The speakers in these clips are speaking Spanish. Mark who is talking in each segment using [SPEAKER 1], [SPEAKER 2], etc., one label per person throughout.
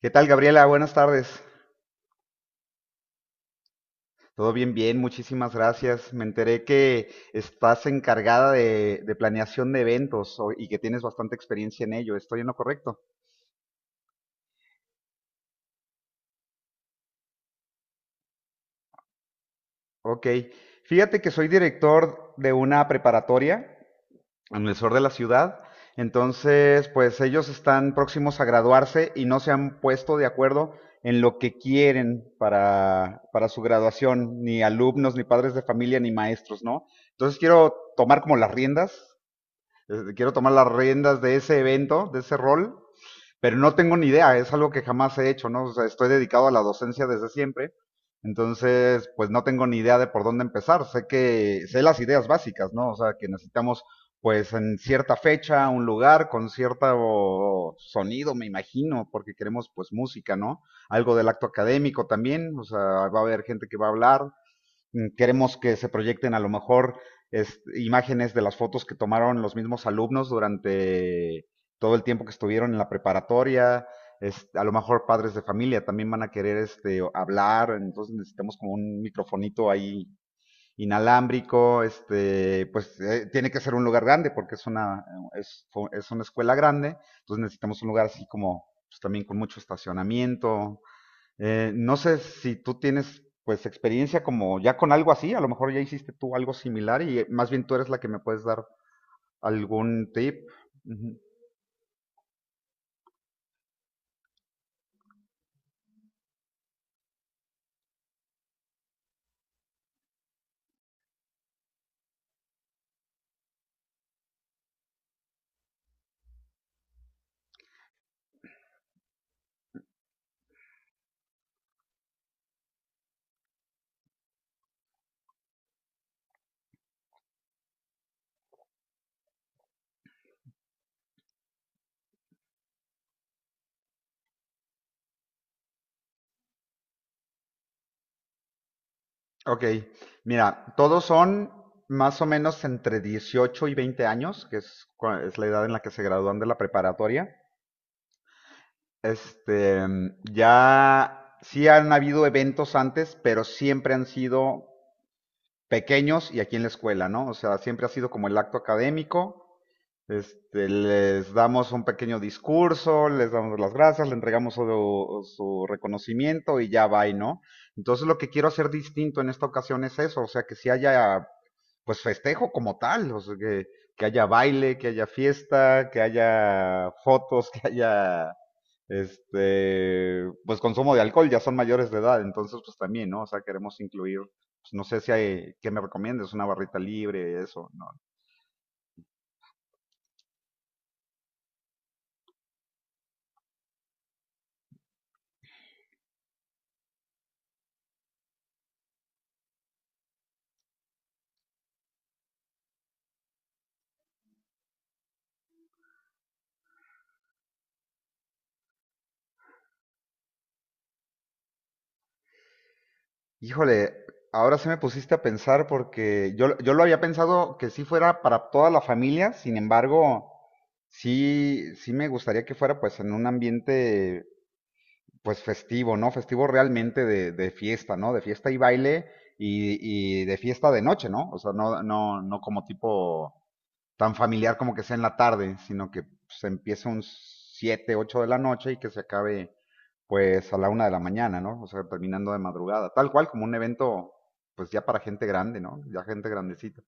[SPEAKER 1] ¿Qué tal, Gabriela? Buenas tardes. Todo bien, bien, muchísimas gracias. Me enteré que estás encargada de planeación de eventos y que tienes bastante experiencia en ello. ¿Estoy en lo correcto? Ok. Fíjate que soy director de una preparatoria en el sur de la ciudad. Entonces, pues ellos están próximos a graduarse y no se han puesto de acuerdo en lo que quieren para su graduación, ni alumnos, ni padres de familia, ni maestros, ¿no? Entonces quiero tomar como las riendas. Este, quiero tomar las riendas de ese evento, de ese rol, pero no tengo ni idea, es algo que jamás he hecho, ¿no? O sea, estoy dedicado a la docencia desde siempre, entonces, pues no tengo ni idea de por dónde empezar, sé las ideas básicas, ¿no? O sea, que necesitamos, pues, en cierta fecha, un lugar, con cierto sonido, me imagino, porque queremos, pues, música, ¿no? Algo del acto académico también, o sea, va a haber gente que va a hablar, queremos que se proyecten a lo mejor imágenes de las fotos que tomaron los mismos alumnos durante todo el tiempo que estuvieron en la preparatoria. A lo mejor padres de familia también van a querer este, hablar, entonces necesitamos como un microfonito ahí inalámbrico, este, pues tiene que ser un lugar grande porque es una escuela grande, entonces necesitamos un lugar así como pues, también con mucho estacionamiento, no sé si tú tienes pues experiencia como ya con algo así, a lo mejor ya hiciste tú algo similar y más bien tú eres la que me puedes dar algún tip. Ujú. Ok, mira, todos son más o menos entre 18 y 20 años, que es, es la edad en la que se gradúan de la preparatoria. Este, ya sí han habido eventos antes, pero siempre han sido pequeños y aquí en la escuela, ¿no? O sea, siempre ha sido como el acto académico. Este, les damos un pequeño discurso, les damos las gracias, le entregamos su reconocimiento y ya va, ¿no? Entonces lo que quiero hacer distinto en esta ocasión es eso, o sea, que si haya pues festejo como tal, o sea, que haya baile, que haya fiesta, que haya fotos, que haya este pues consumo de alcohol, ya son mayores de edad, entonces pues también, ¿no? O sea, queremos incluir pues, no sé si hay, ¿qué me recomiendas? ¿Una barrita libre? Eso, no. Híjole, ahora sí me pusiste a pensar porque yo lo había pensado que sí fuera para toda la familia, sin embargo, sí, sí me gustaría que fuera pues en un ambiente pues festivo, ¿no? Festivo realmente de fiesta, ¿no? De fiesta y baile y de fiesta de noche, ¿no? O sea, no como tipo tan familiar como que sea en la tarde, sino que se empiece un 7, 8 de la noche y que se acabe pues a la una de la mañana, ¿no? O sea, terminando de madrugada, tal cual como un evento pues ya para gente grande, ¿no? Ya gente grandecita.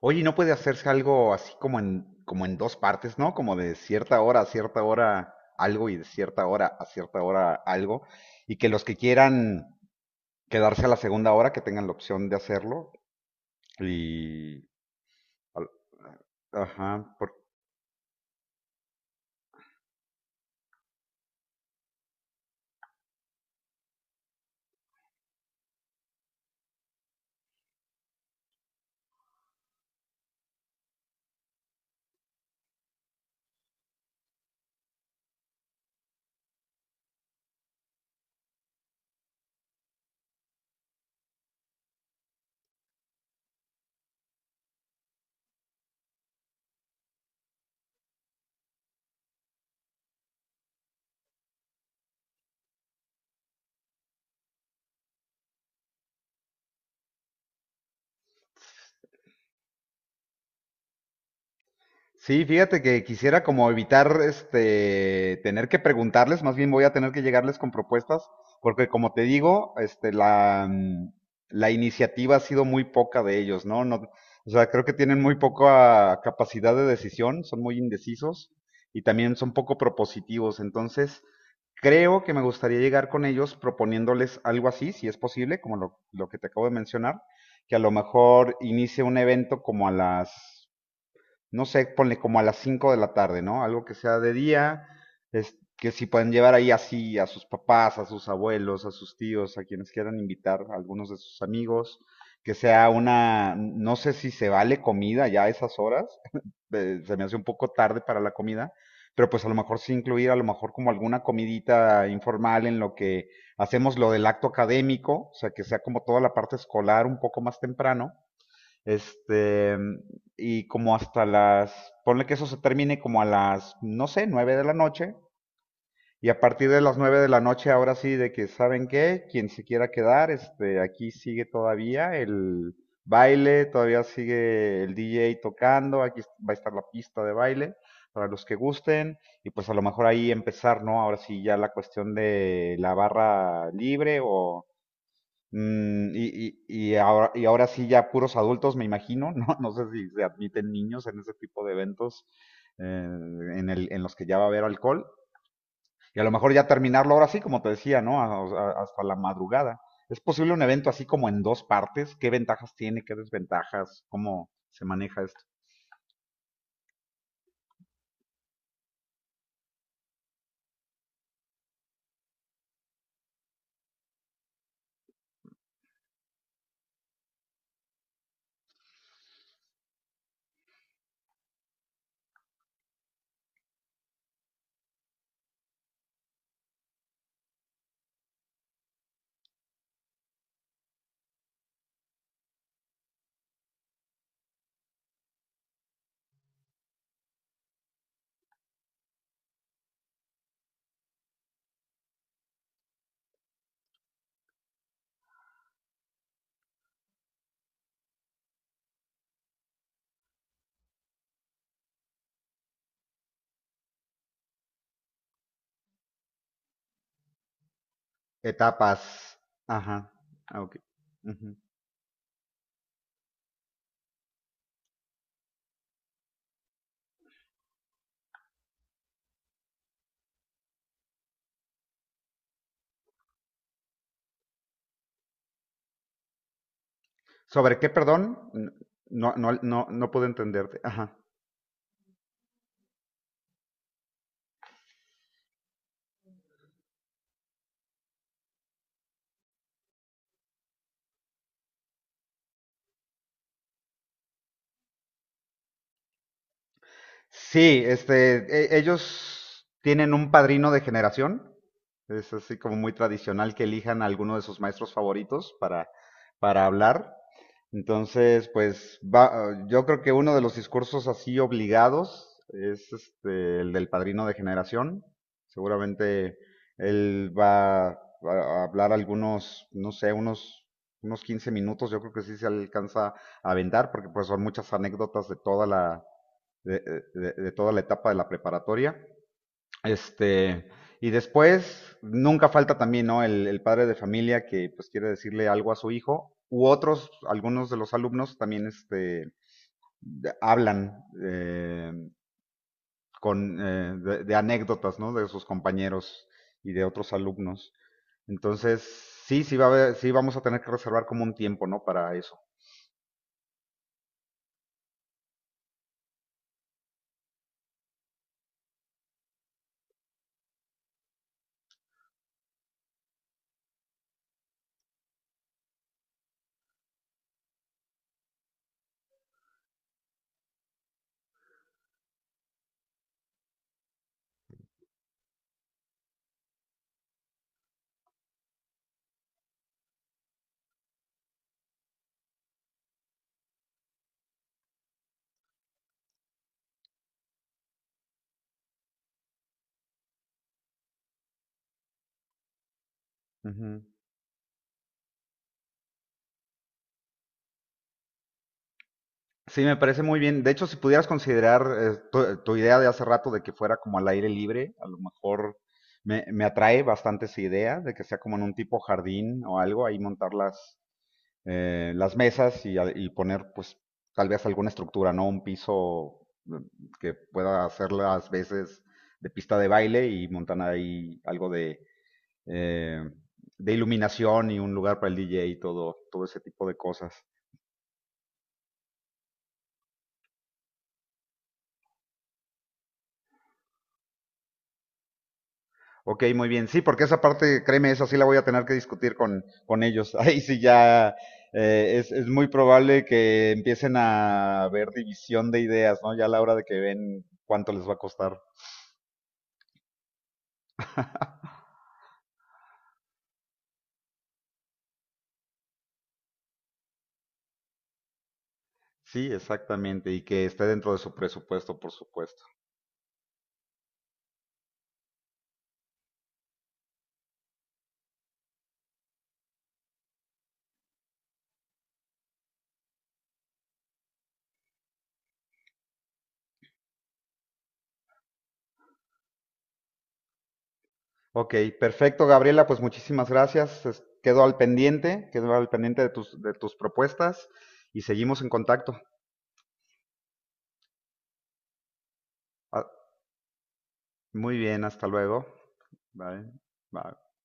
[SPEAKER 1] Oye, ¿y no puede hacerse algo así como en dos partes, ¿no? Como de cierta hora a cierta hora algo y de cierta hora a cierta hora algo. Y que los que quieran quedarse a la segunda hora, que tengan la opción de hacerlo. Y... al- Ajá. Sí, fíjate que quisiera como evitar este tener que preguntarles, más bien voy a tener que llegarles con propuestas, porque como te digo, la iniciativa ha sido muy poca de ellos, ¿no? No, o sea, creo que tienen muy poca capacidad de decisión, son muy indecisos y también son poco propositivos, entonces creo que me gustaría llegar con ellos proponiéndoles algo así, si es posible, lo que te acabo de mencionar, que a lo mejor inicie un evento como a las, no sé, ponle como a las 5 de la tarde, ¿no? Algo que sea de día, es que si pueden llevar ahí así a sus papás, a sus abuelos, a sus tíos, a quienes quieran invitar, a algunos de sus amigos, no sé si se vale comida ya a esas horas, se me hace un poco tarde para la comida, pero pues a lo mejor sí incluir a lo mejor como alguna comidita informal en lo que hacemos lo del acto académico, o sea, que sea como toda la parte escolar un poco más temprano este, y como hasta las, ponle que eso se termine como a las, no sé, 9 de la noche. Y a partir de las 9 de la noche, ahora sí, de que saben qué, quien se quiera quedar, este, aquí sigue todavía el baile, todavía sigue el DJ tocando, aquí va a estar la pista de baile para los que gusten y pues a lo mejor ahí empezar, ¿no? Ahora sí ya la cuestión de la barra libre o y ahora sí ya puros adultos, me imagino, ¿no? No sé si se admiten niños en ese tipo de eventos en los que ya va a haber alcohol. Y a lo mejor ya terminarlo ahora sí, como te decía, ¿no? Hasta la madrugada. ¿Es posible un evento así como en dos partes? ¿Qué ventajas tiene? ¿Qué desventajas? ¿Cómo se maneja esto? Etapas. Ajá. Ah, ok. Ujú. ¿Sobre qué, perdón? No, no, no, no pude entenderte. Ajá. Sí, este, ellos tienen un padrino de generación. Es así como muy tradicional que elijan a alguno de sus maestros favoritos para hablar. Entonces, pues va, yo creo que uno de los discursos así obligados es este, el del padrino de generación. Seguramente él va a hablar algunos, no sé, unos 15 minutos. Yo creo que sí se alcanza a aventar porque pues son muchas anécdotas de toda la de toda la etapa de la preparatoria. Este, y después, nunca falta también, ¿no? El padre de familia que pues quiere decirle algo a su hijo, u otros, algunos de los alumnos también este, hablan de anécdotas, ¿no? De sus compañeros y de otros alumnos. Entonces, sí, sí vamos a tener que reservar como un tiempo, ¿no? Para eso. Ujú. Sí, me parece muy bien. De hecho, si pudieras considerar tu idea de hace rato de que fuera como al aire libre, a lo mejor me atrae bastante esa idea de que sea como en un tipo jardín o algo, ahí montar las mesas y poner pues tal vez alguna estructura, ¿no? Un piso que pueda hacer las veces de pista de baile y montar ahí algo eh, de iluminación y un lugar para el DJ y todo, todo ese tipo de cosas. Ok, muy bien. Sí, porque esa parte, créeme, esa sí la voy a tener que discutir con ellos. Ahí sí ya es muy probable que empiecen a ver división de ideas, ¿no? Ya a la hora de que ven cuánto les va a costar. Sí, exactamente, y que esté dentro de su presupuesto, por supuesto. Ok, perfecto, Gabriela, pues muchísimas gracias. Quedo al pendiente de tus propuestas y seguimos en contacto. Ah, muy bien, hasta luego. Bye. Bye.